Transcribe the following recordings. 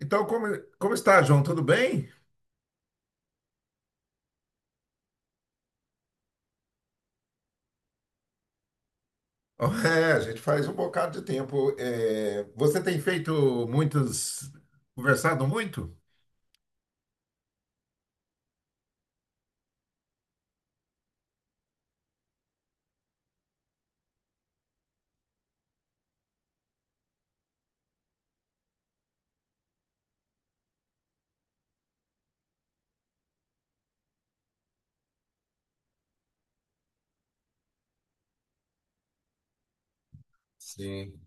Então, como está, João? Tudo bem? É, a gente faz um bocado de tempo. É, você tem conversado muito? Sim.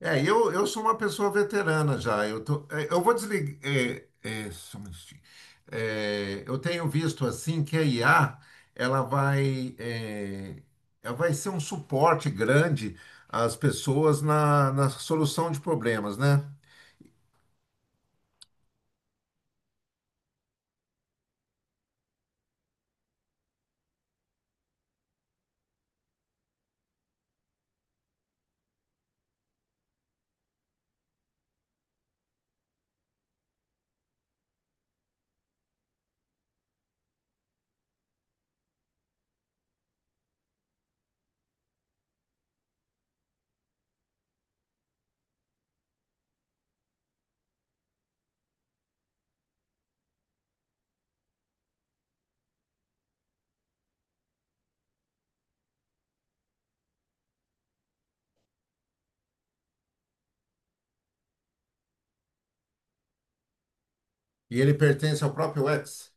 É, eu sou uma pessoa veterana já. Eu vou desligar. Só um minutinho. É, eu tenho visto assim que a IA ela vai, é, ela vai ser um suporte grande às pessoas na solução de problemas, né? E ele pertence ao próprio X.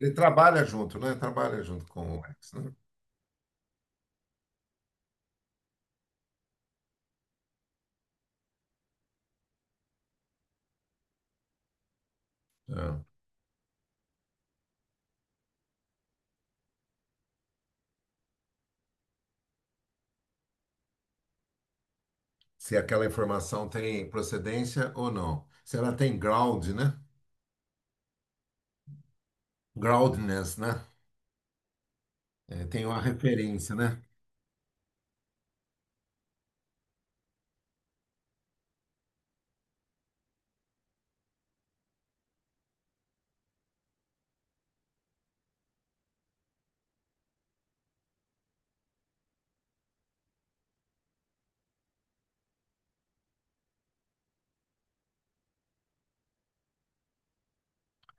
Ele trabalha junto, né? Trabalha junto com o X, né? É. Se aquela informação tem procedência ou não. Se ela tem ground, né? Groundness, né? É, tem uma referência, né?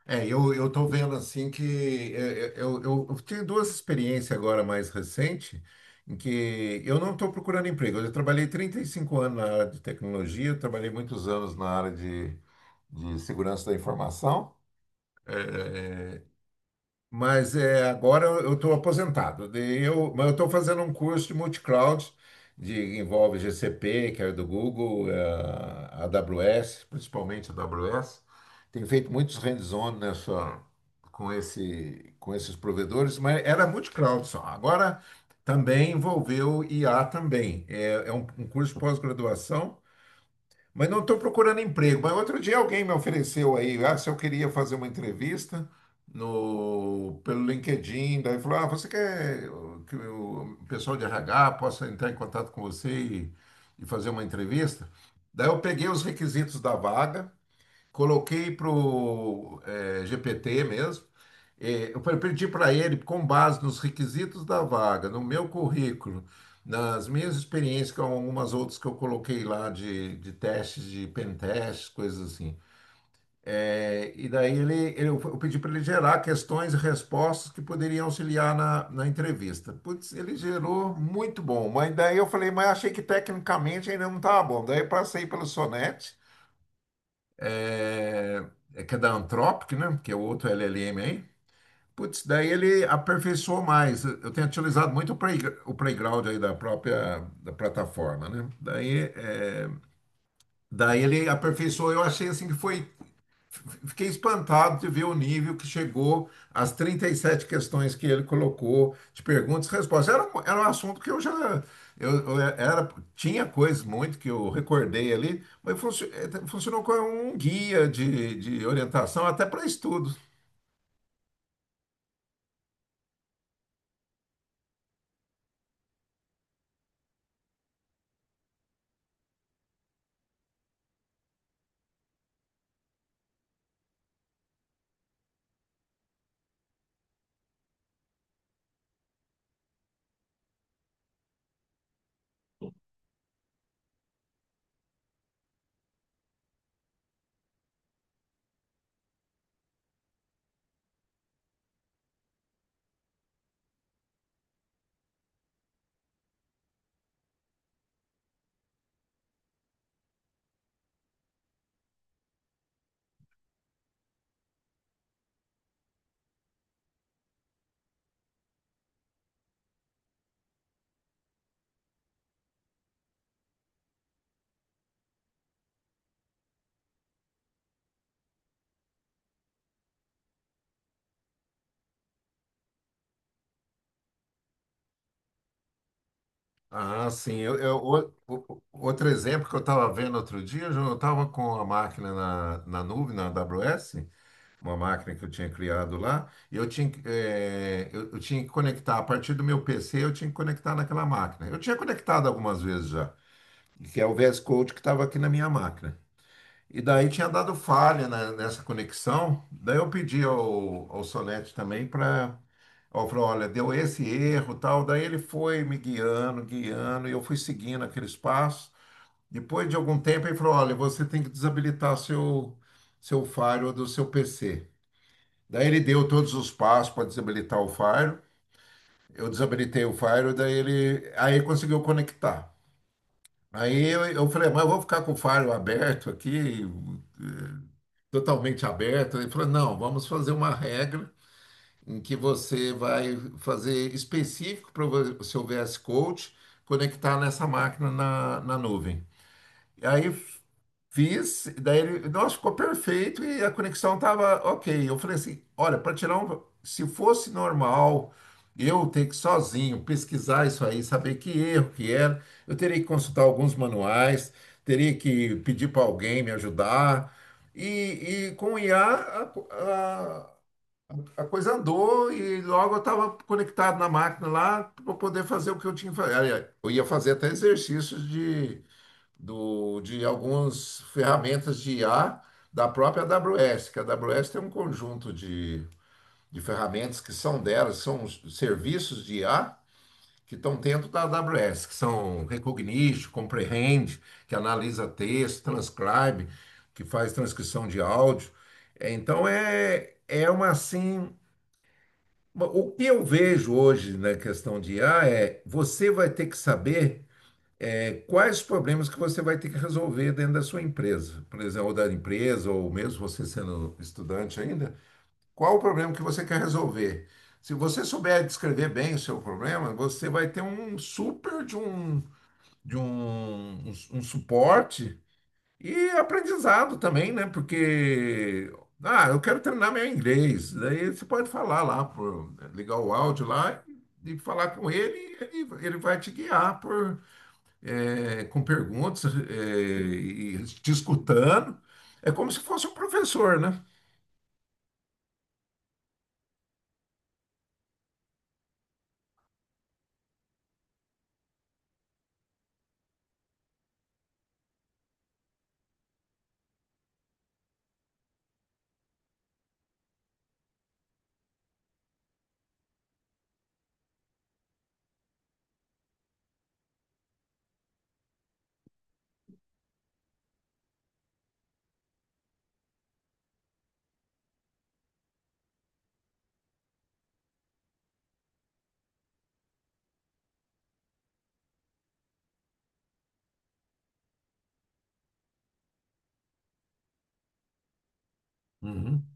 É, eu tô vendo assim que eu tenho duas experiências agora mais recente em que eu não estou procurando emprego. Eu já trabalhei 35 anos na área de tecnologia, eu trabalhei muitos anos na área de segurança da informação. Mas agora eu estou aposentado. Daí mas eu estou fazendo um curso de multicloud, que envolve GCP, que é do Google, AWS, principalmente a AWS. Tenho feito muitos hands-on nessa, com esses provedores, mas era multicloud só. Agora também envolveu IA também. É, é um curso de pós-graduação, mas não estou procurando emprego. Mas outro dia alguém me ofereceu aí, ah, se eu queria fazer uma entrevista no, pelo LinkedIn. Daí falou, ah, você quer que o pessoal de RH possa entrar em contato com você e fazer uma entrevista? Daí eu peguei os requisitos da vaga. Coloquei para o GPT mesmo. Eu pedi para ele, com base nos requisitos da vaga, no meu currículo, nas minhas experiências com algumas outras que eu coloquei lá de testes, de pen testes, coisas assim. E daí eu pedi para ele gerar questões e respostas que poderiam auxiliar na entrevista. Putz, ele gerou muito bom, mas daí eu falei, mas achei que tecnicamente ainda não estava bom. Daí eu passei pelo Sonnet, é, que é da Anthropic, né? Que é outro LLM aí. Putz, daí ele aperfeiçoou mais. Eu tenho utilizado muito o playground aí da própria da plataforma, né? Daí ele aperfeiçoou. Eu achei assim que foi Fiquei espantado de ver o nível que chegou às 37 questões que ele colocou, de perguntas e respostas. Era um assunto que eu já. Eu, eu era, tinha coisas muito que eu recordei ali, mas funcionou como um guia de orientação até para estudos. Ah, sim. O outro exemplo que eu estava vendo outro dia, eu estava com a máquina na nuvem, na AWS, uma máquina que eu tinha criado lá, e eu tinha que conectar, a partir do meu PC, eu tinha que conectar naquela máquina. Eu tinha conectado algumas vezes já, que é o VS Code que estava aqui na minha máquina. E daí tinha dado falha nessa conexão, daí eu pedi ao Solete também para. Eu falei, olha, deu esse erro, tal. Daí ele foi me guiando, guiando, e eu fui seguindo aqueles passos. Depois de algum tempo, ele falou, olha, você tem que desabilitar seu firewall do seu PC. Daí ele deu todos os passos para desabilitar o Fire. Eu desabilitei o Fire, daí ele aí conseguiu conectar. Aí eu falei, mas eu vou ficar com o Fire aberto aqui, totalmente aberto. Ele falou, não, vamos fazer uma regra em que você vai fazer específico para o seu VS Code conectar nessa máquina na nuvem. E aí fiz, e daí ele, nossa, ficou perfeito e a conexão tava ok. Eu falei assim, olha, se fosse normal eu ter que sozinho pesquisar isso aí, saber que erro que era, eu teria que consultar alguns manuais, teria que pedir para alguém me ajudar. E com o IA a coisa andou e logo eu estava conectado na máquina lá para poder fazer o que eu tinha que fazer. Aliás, eu ia fazer até exercícios de algumas ferramentas de IA da própria AWS, que a AWS tem um conjunto de ferramentas que são delas, são os serviços de IA que estão dentro da AWS, que são Recognition, Comprehend, que analisa texto, Transcribe, que faz transcrição de áudio. É, então é uma assim. O que eu vejo hoje na questão de IA é você vai ter que saber, quais problemas que você vai ter que resolver dentro da sua empresa? Por exemplo, ou da empresa, ou mesmo você sendo estudante ainda, qual o problema que você quer resolver? Se você souber descrever bem o seu problema, você vai ter um super de um suporte e aprendizado também, né? Porque, ah, eu quero treinar meu inglês. Daí você pode falar lá, ligar o áudio lá e falar com ele, e ele vai te guiar com perguntas, e discutando. É como se fosse um professor, né? Uhum.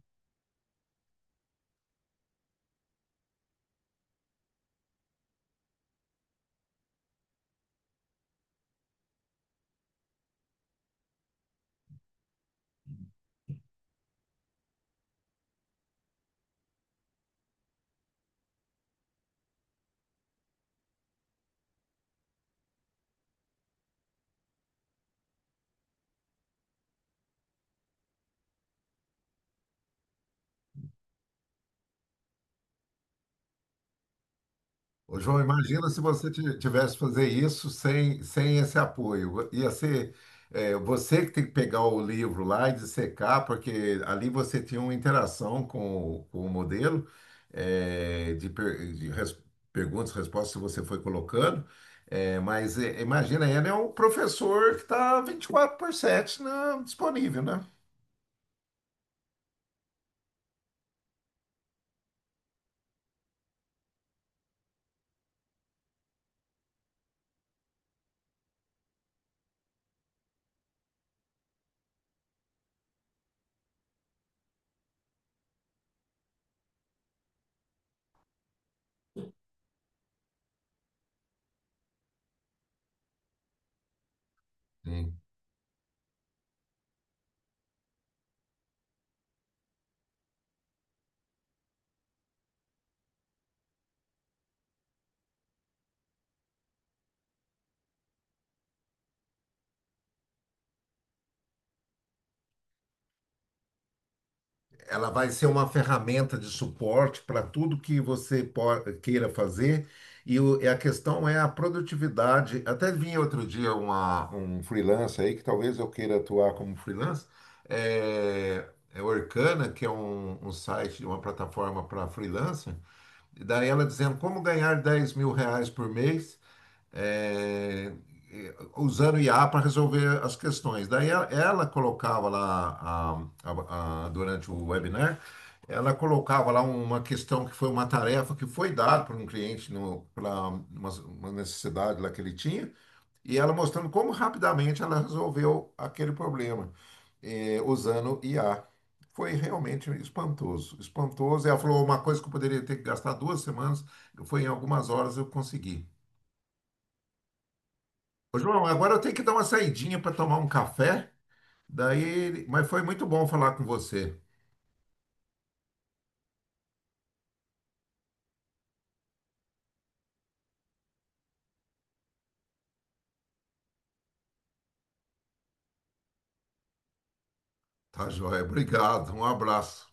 Ô, João, imagina se você tivesse que fazer isso sem esse apoio. Você que tem que pegar o livro lá e dissecar, porque ali você tinha uma interação com o modelo, de perguntas, e respostas que você foi colocando. Mas imagina, ele é um professor que está 24/7 disponível, né? Sim. Ela vai ser uma ferramenta de suporte para tudo que você queira fazer. E a questão é a produtividade. Até vi outro dia um freelancer aí, que talvez eu queira atuar como freelancer. É o Orkana, que é um site, uma plataforma para freelancer. E daí ela dizendo como ganhar R$ 10.000 por mês. é, Usando IA para resolver as questões. Daí ela colocava lá, durante o webinar, ela colocava lá uma questão que foi uma tarefa que foi dada por um cliente, para uma necessidade lá que ele tinha, e ela mostrando como rapidamente ela resolveu aquele problema, usando IA. Foi realmente espantoso, espantoso. Ela falou uma coisa que eu poderia ter que gastar 2 semanas, foi em algumas horas eu consegui. Ô, João, agora eu tenho que dar uma saidinha para tomar um café. Daí, mas foi muito bom falar com você. Tá, joia? Obrigado. Um abraço.